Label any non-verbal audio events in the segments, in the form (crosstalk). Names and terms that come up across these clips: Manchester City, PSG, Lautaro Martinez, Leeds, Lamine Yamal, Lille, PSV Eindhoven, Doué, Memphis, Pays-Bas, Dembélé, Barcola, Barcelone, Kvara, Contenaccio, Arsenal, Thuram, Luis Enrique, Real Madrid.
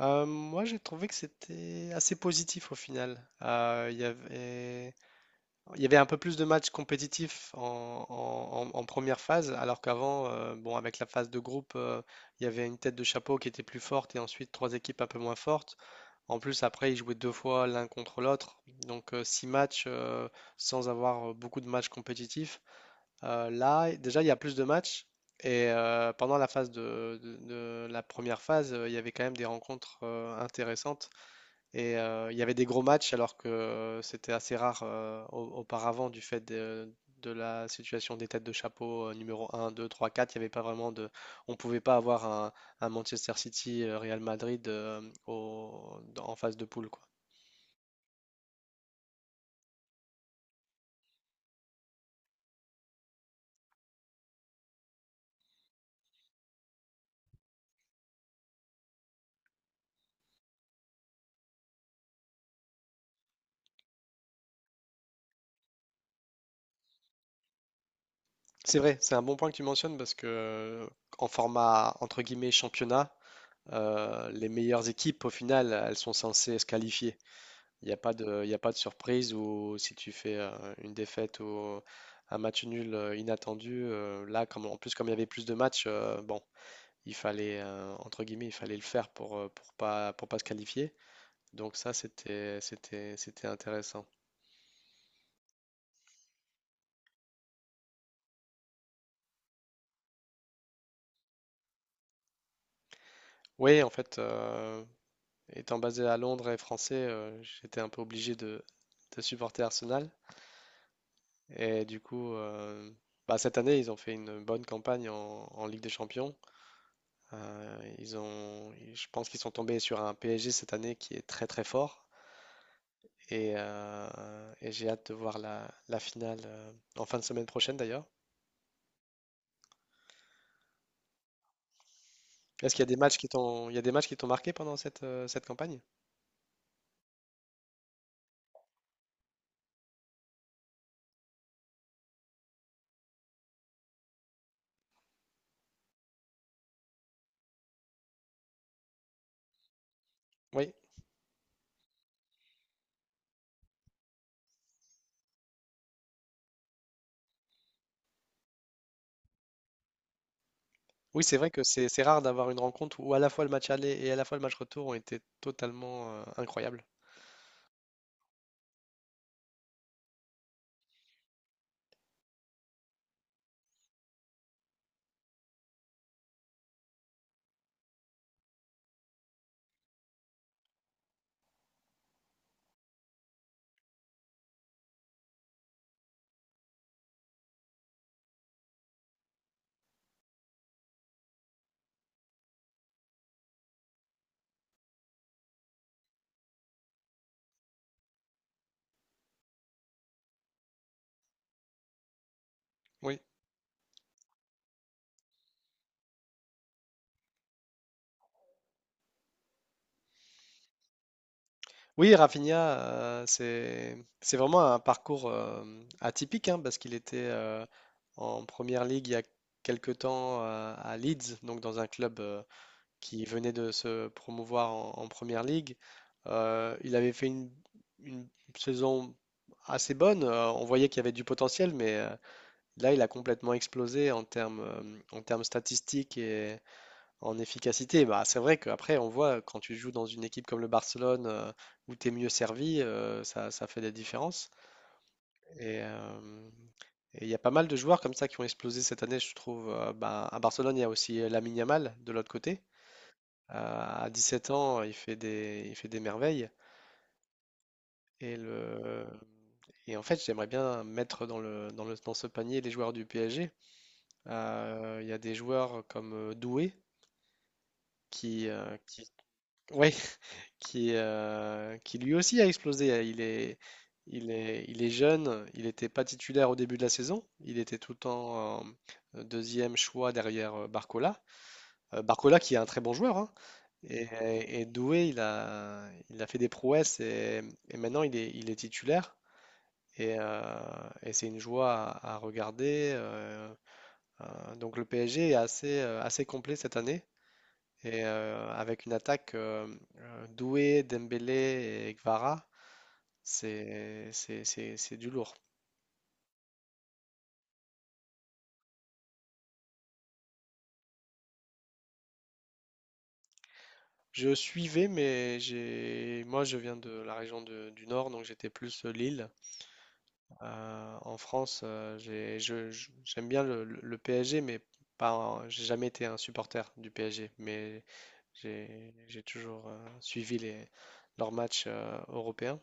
Moi, j'ai trouvé que c'était assez positif au final. Il y avait un peu plus de matchs compétitifs en première phase, alors qu'avant, bon, avec la phase de groupe, il y avait une tête de chapeau qui était plus forte et ensuite trois équipes un peu moins fortes. En plus, après, ils jouaient deux fois l'un contre l'autre, donc six matchs sans avoir beaucoup de matchs compétitifs. Là, déjà, il y a plus de matchs. Pendant la phase de la première phase, il y avait quand même des rencontres intéressantes. Il y avait des gros matchs, alors que c'était assez rare auparavant du fait de la situation des têtes de chapeau numéro un, 2, 3, 4. Il y avait pas vraiment de. On ne pouvait pas avoir un Manchester City, Real Madrid en phase de poule, quoi. C'est vrai, c'est un bon point que tu mentionnes parce que en format entre guillemets championnat. Les meilleures équipes, au final, elles sont censées se qualifier. Il y a pas de surprise ou si tu fais une défaite ou un match nul inattendu, là, comme, en plus, comme il y avait plus de matchs, bon, il fallait, entre guillemets, il fallait le faire pour, pour pas se qualifier. Donc ça, c'était intéressant. Oui, en fait, étant basé à Londres et français, j'étais un peu obligé de supporter Arsenal. Et du coup, bah, cette année, ils ont fait une bonne campagne en Ligue des Champions. Je pense qu'ils sont tombés sur un PSG cette année qui est très très fort. Et j'ai hâte de voir la finale en fin de semaine prochaine d'ailleurs. Est-ce qu'il y a des matchs qui t'ont, il y a des matchs qui t'ont marqué pendant cette campagne? Oui. Oui, c'est vrai que c'est rare d'avoir une rencontre où à la fois le match aller et à la fois le match retour ont été totalement incroyables. Oui. Oui, Rafinha, c'est vraiment un parcours atypique hein, parce qu'il était en première ligue il y a quelque temps à Leeds, donc dans un club qui venait de se promouvoir en première ligue. Il avait fait une saison assez bonne. On voyait qu'il y avait du potentiel, mais là, il a complètement explosé en termes en termes statistiques en efficacité. Bah, c'est vrai qu'après, on voit quand tu joues dans une équipe comme le Barcelone où tu es mieux servi. Ça, ça fait des différences. Et euh, et il y a pas mal de joueurs comme ça qui ont explosé cette année, je trouve. Bah, à Barcelone, il y a aussi Lamine Yamal de l'autre côté. Euh, à 17 ans, il fait des merveilles. Et, le, et en fait, j'aimerais bien mettre dans ce panier les joueurs du PSG. Il y a des joueurs comme Doué qui, euh, qui, ouais, qui lui aussi a explosé. Il est jeune, il n'était pas titulaire au début de la saison, il était tout le temps deuxième choix derrière Barcola. Barcola qui est un très bon joueur, hein. Et Doué, il a fait des prouesses et maintenant il est titulaire. Et c'est une joie à regarder. Donc le PSG est assez complet cette année. Avec une attaque Doué, Dembélé et Kvara, c'est du lourd. Je suivais, mais j'ai moi je viens de la région du Nord, donc j'étais plus Lille. En France, j'aime bien le PSG, mais pas, un- j'ai jamais été un supporter du PSG, mais j'ai toujours suivi leurs matchs européens.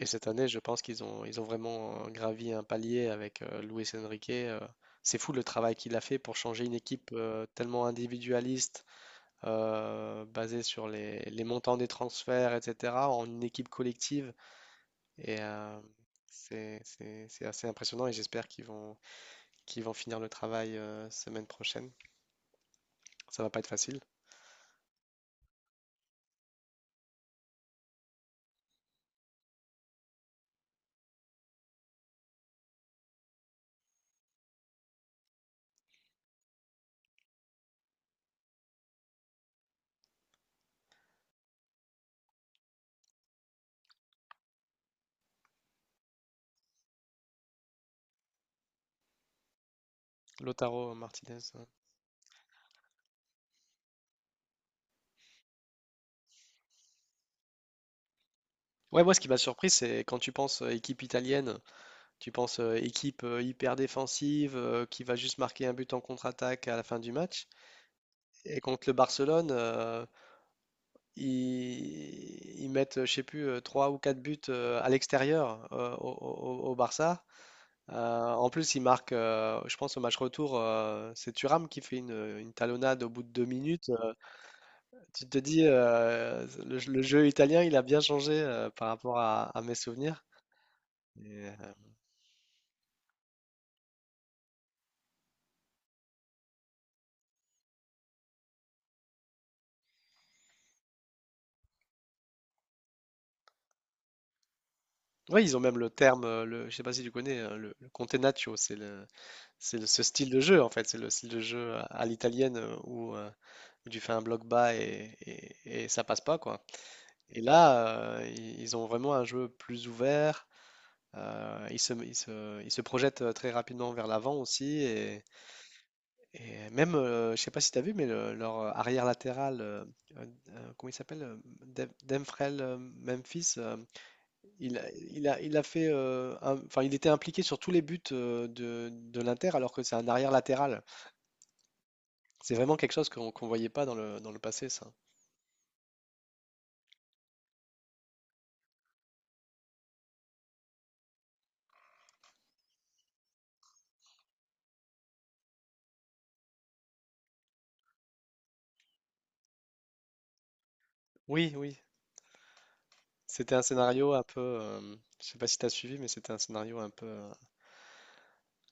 Et cette année, je pense qu'ils ont vraiment gravi un palier avec Luis Enrique. C'est fou le travail qu'il a fait pour changer une équipe tellement individualiste basé sur les montants des transferts, etc., en une équipe collective. Et euh, c'est assez impressionnant et j'espère qu'ils vont finir le travail semaine prochaine. Ça va pas être facile. Lautaro Martinez, hein. Ouais, moi, ce qui m'a surpris, c'est quand tu penses équipe italienne, tu penses équipe hyper défensive qui va juste marquer un but en contre-attaque à la fin du match. Et contre le Barcelone, ils mettent, je sais plus, trois ou quatre buts à l'extérieur au Barça. En plus, ils marquent, je pense, au match retour, c'est Thuram qui fait une talonnade au bout de 2 minutes. Tu te dis, le jeu italien, il a bien changé par rapport à mes souvenirs. Et, euh, ouais, ils ont même le terme, je sais pas si tu connais, le Contenaccio, ce style de jeu en fait, c'est le style de jeu à l'italienne où tu fais un bloc bas et ça passe pas quoi. Et là, ils ont vraiment un jeu plus ouvert. Ils se projettent très rapidement vers l'avant aussi. Et même, je ne sais pas si tu as vu, mais leur arrière latéral, comment il s'appelle? Demfrel Memphis, il a fait, enfin, il était impliqué sur tous les buts de l'Inter, alors que c'est un arrière latéral. C'est vraiment quelque chose qu'on voyait pas dans le passé, ça. Oui, oui. C'était un scénario un peu. Je sais pas si tu as suivi, mais c'était un scénario un peu.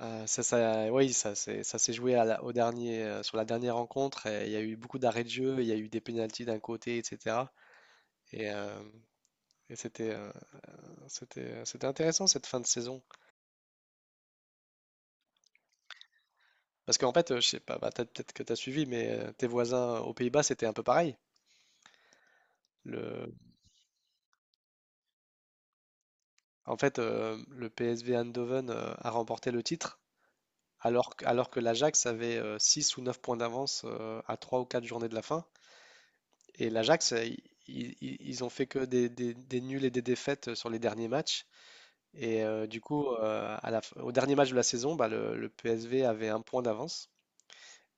Oui, ça s'est joué au dernier, sur la dernière rencontre. Et il y a eu beaucoup d'arrêts de jeu, il y a eu des pénaltys d'un côté, etc. Et, euh, et c'était intéressant cette fin de saison. Parce qu'en fait, je sais pas, bah, peut-être que tu as suivi, mais tes voisins aux Pays-Bas, c'était un peu pareil. Le, En fait, le PSV Eindhoven a remporté le titre, alors que l'Ajax avait 6 ou 9 points d'avance à 3 ou 4 journées de la fin. Et l'Ajax, ils ont fait que des nuls et des défaites sur les derniers matchs. Du coup, au dernier match de la saison, bah, le PSV avait un point d'avance.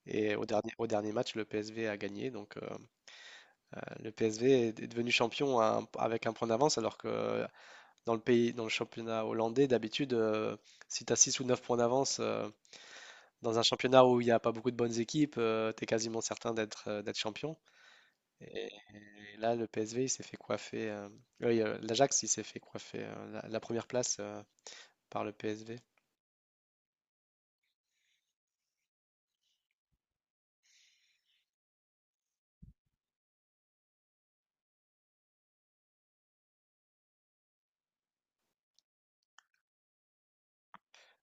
Et au dernier match, le PSV a gagné. Donc, le PSV est devenu champion avec un point d'avance, alors que dans le pays, dans le championnat hollandais, d'habitude, si tu as 6 ou 9 points d'avance, dans un championnat où il n'y a pas beaucoup de bonnes équipes, tu es quasiment certain d'être champion. Et là, le PSV, il s'est fait coiffer. Oui, l'Ajax, il s'est fait coiffer la première place par le PSV.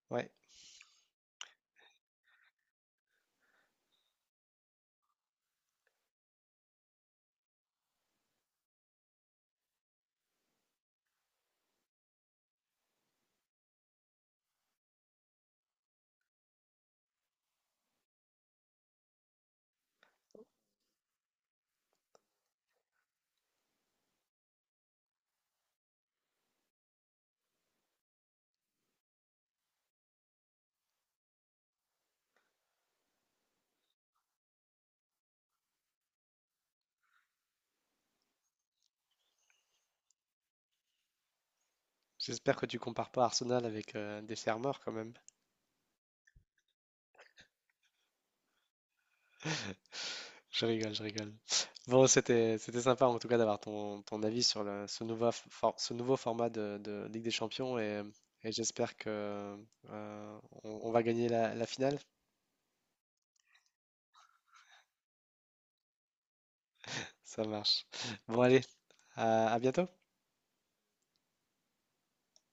Ouais, j'espère que tu compares pas Arsenal avec des fermeurs quand même. (laughs) Je rigole, je rigole. Bon, c'était sympa en tout cas d'avoir ton avis sur ce nouveau format de Ligue des Champions et j'espère que on va gagner la finale. Ça marche. Bon, allez, à bientôt.